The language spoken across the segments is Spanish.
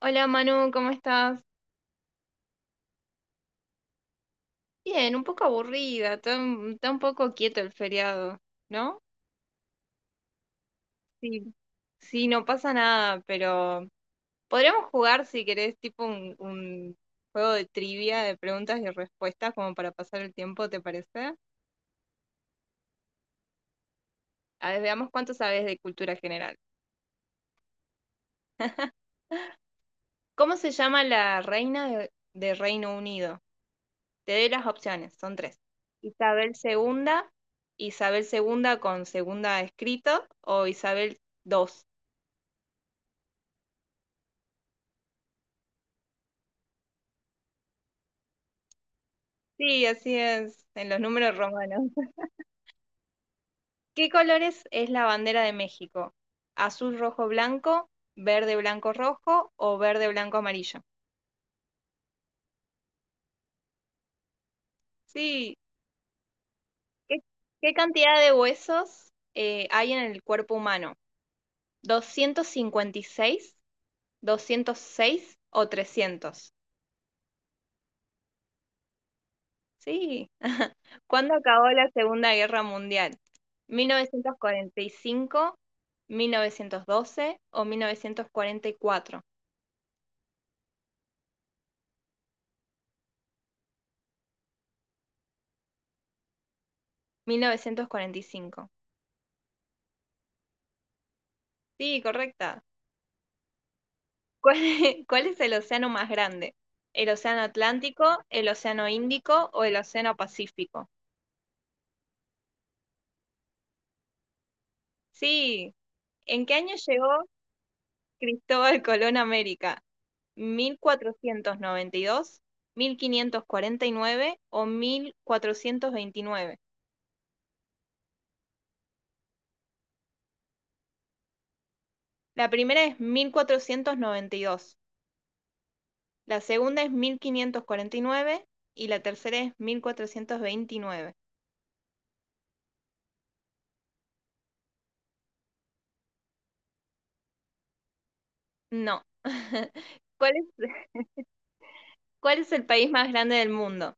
Hola Manu, ¿cómo estás? Bien, un poco aburrida, está un poco quieto el feriado, ¿no? Sí. Sí, no pasa nada, pero podríamos jugar si querés, tipo un juego de trivia, de preguntas y respuestas, como para pasar el tiempo, ¿te parece? A ver, veamos cuánto sabes de cultura general. ¿Cómo se llama la reina de Reino Unido? Te doy las opciones, son tres. Isabel segunda, Isabel segunda con segunda escrito o Isabel II. Sí, así es, en los números romanos. ¿Qué colores es la bandera de México? ¿Azul, rojo, blanco, verde, blanco, rojo o verde, blanco, amarillo? Sí. ¿qué, qué cantidad de huesos hay en el cuerpo humano? 256, 206 o 300. Sí. ¿Cuándo acabó la Segunda Guerra Mundial? Mil novecientos cuarenta y cinco, 1912 o 1944. 1945. Sí, correcta. ¿Cuál es, cuál es el océano más grande? ¿El océano Atlántico, el océano Índico o el océano Pacífico? Sí. ¿En qué año llegó Cristóbal Colón a América? ¿1492, 1549 o 1429? La primera es 1492, la segunda es 1549 y la tercera es 1429. No. ¿Cuál es, cuál es el país más grande del mundo?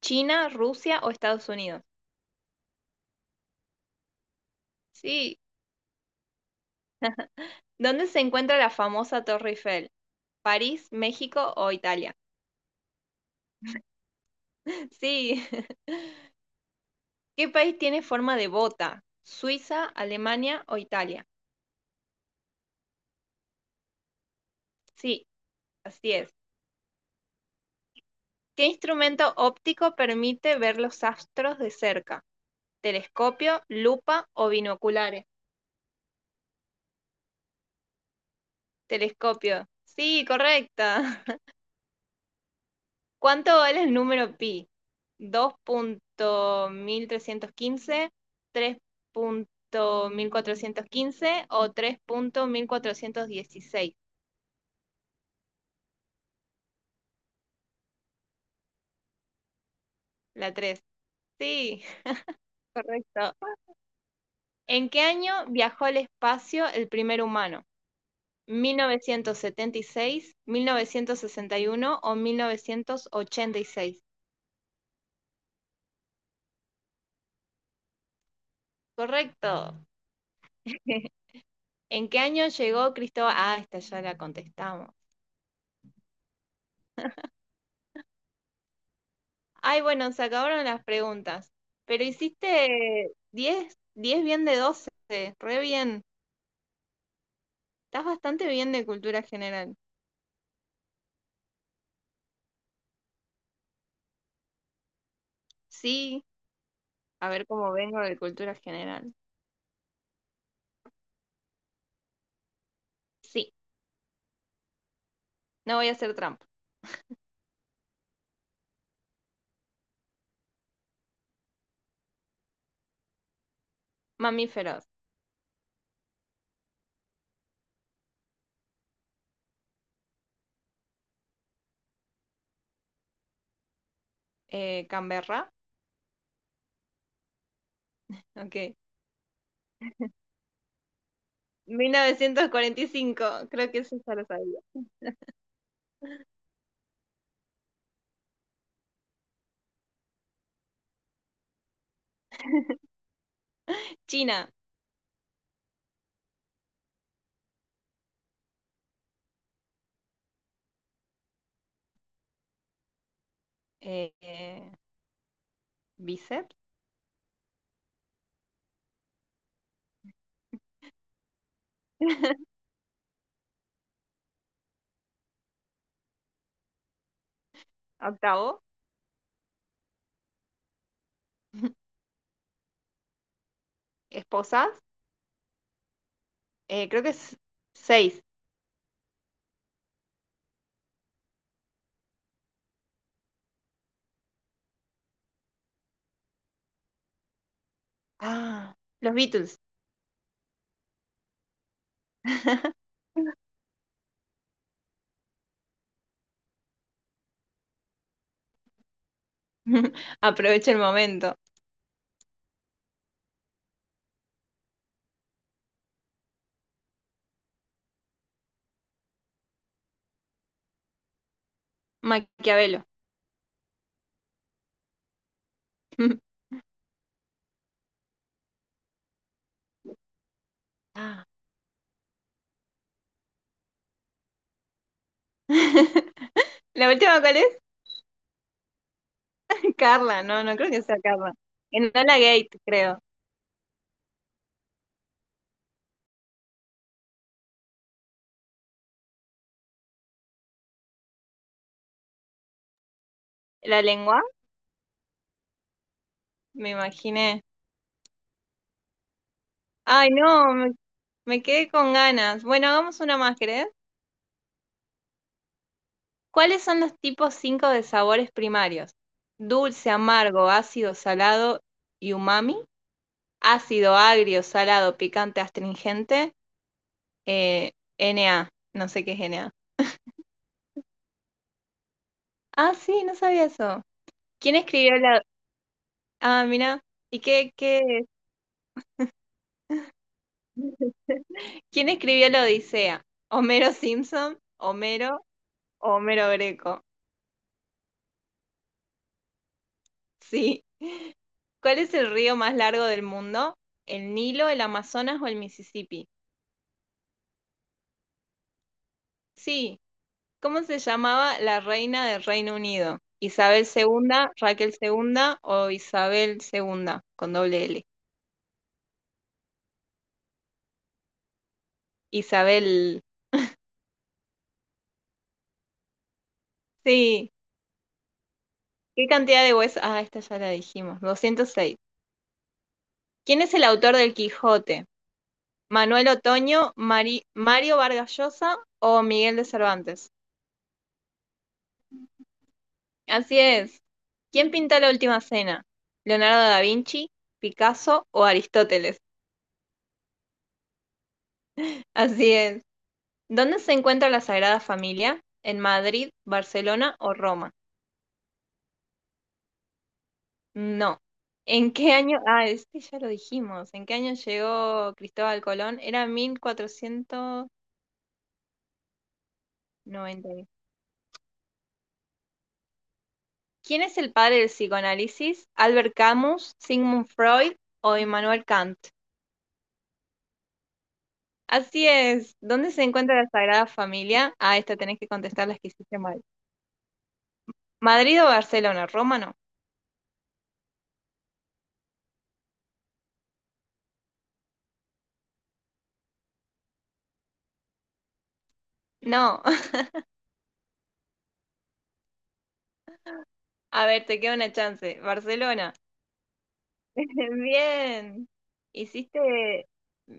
¿China, Rusia o Estados Unidos? Sí. ¿Dónde se encuentra la famosa Torre Eiffel? ¿París, México o Italia? Sí. ¿Qué país tiene forma de bota? ¿Suiza, Alemania o Italia? Sí, así es. ¿Qué instrumento óptico permite ver los astros de cerca? ¿Telescopio, lupa o binoculares? Telescopio. Sí, correcta. ¿Cuánto vale el número pi? Dos punto mil trescientos quince, tres punto 1415 o tres punto 1416? La tres. Sí, correcto. ¿En qué año viajó al espacio el primer humano? Mil novecientos setenta y seis, 1961 o 1986? Correcto. ¿En qué año llegó Cristóbal? Ah, esta ya la contestamos. Ay, bueno, se acabaron las preguntas. Pero hiciste diez bien de 12, re bien. Estás bastante bien de cultura general. Sí, a ver cómo vengo de cultura general. Sí, no voy a hacer trampa. Mamíferos. Canberra, ok. 1945. Creo que eso ya lo sabía. China, eh, eh, bíceps. Octavo. Esposas, creo que es seis. Ah, los Beatles. Aprovecha el momento. Maquiavelo. Ah. ¿La última cuál es? Carla, no, no creo que sea Carla. Enola Gate, creo. ¿La lengua? Me imaginé. Ay, no, me quedé con ganas. Bueno, hagamos una más, ¿querés? ¿Cuáles son los tipos 5 de sabores primarios? Dulce, amargo, ácido, salado y umami. Ácido, agrio, salado, picante, astringente. Eh, N A, no sé qué es N A. Ah, sí, no sabía eso. ¿Quién escribió la— Ah, mira. ¿Y qué? ¿Quién escribió la Odisea? ¿Homero Simpson? ¿Homero o Homero Greco? Sí. ¿Cuál es el río más largo del mundo? ¿El Nilo, el Amazonas o el Mississippi? Sí. ¿Cómo se llamaba la reina del Reino Unido? ¿Isabel segunda, Raquel segunda o Isabel segunda con doble L? Isabel. Sí. ¿Qué cantidad de huesos? Ah, esta ya la dijimos. 206. ¿Quién es el autor del Quijote? Manuel Otoño, Mario Vargas Llosa o Miguel de Cervantes. Así es. ¿Quién pinta la última cena? ¿Leonardo da Vinci, Picasso o Aristóteles? Así es. ¿Dónde se encuentra la Sagrada Familia? ¿En Madrid, Barcelona o Roma? No. ¿En qué año? Ah, este ya lo dijimos. ¿En qué año llegó Cristóbal Colón? Era 1490. ¿Quién es el padre del psicoanálisis? ¿Albert Camus, Sigmund Freud o Immanuel Kant? Así es. ¿Dónde se encuentra la Sagrada Familia? Ah, esta tenés que contestar las que hiciste mal. ¿Madrid o Barcelona? ¿Roma no? No. A ver, te queda una chance. Barcelona. Bien. Hiciste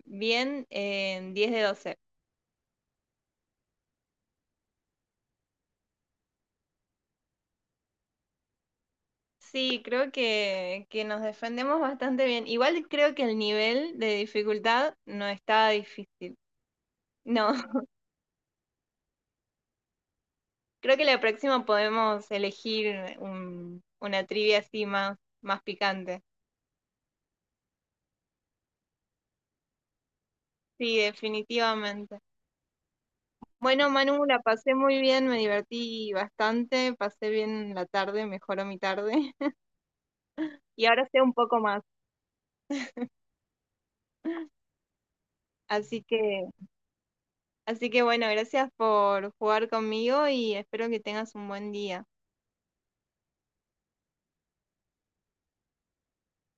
bien en 10 de 12. Sí, creo que nos defendemos bastante bien. Igual creo que el nivel de dificultad no está difícil. No, creo que la próxima podemos elegir una trivia así más, más picante. Sí, definitivamente. Bueno, Manu, la pasé muy bien, me divertí bastante, pasé bien la tarde, mejoró mi tarde y ahora sé un poco más. Así que, así que bueno, gracias por jugar conmigo y espero que tengas un buen día.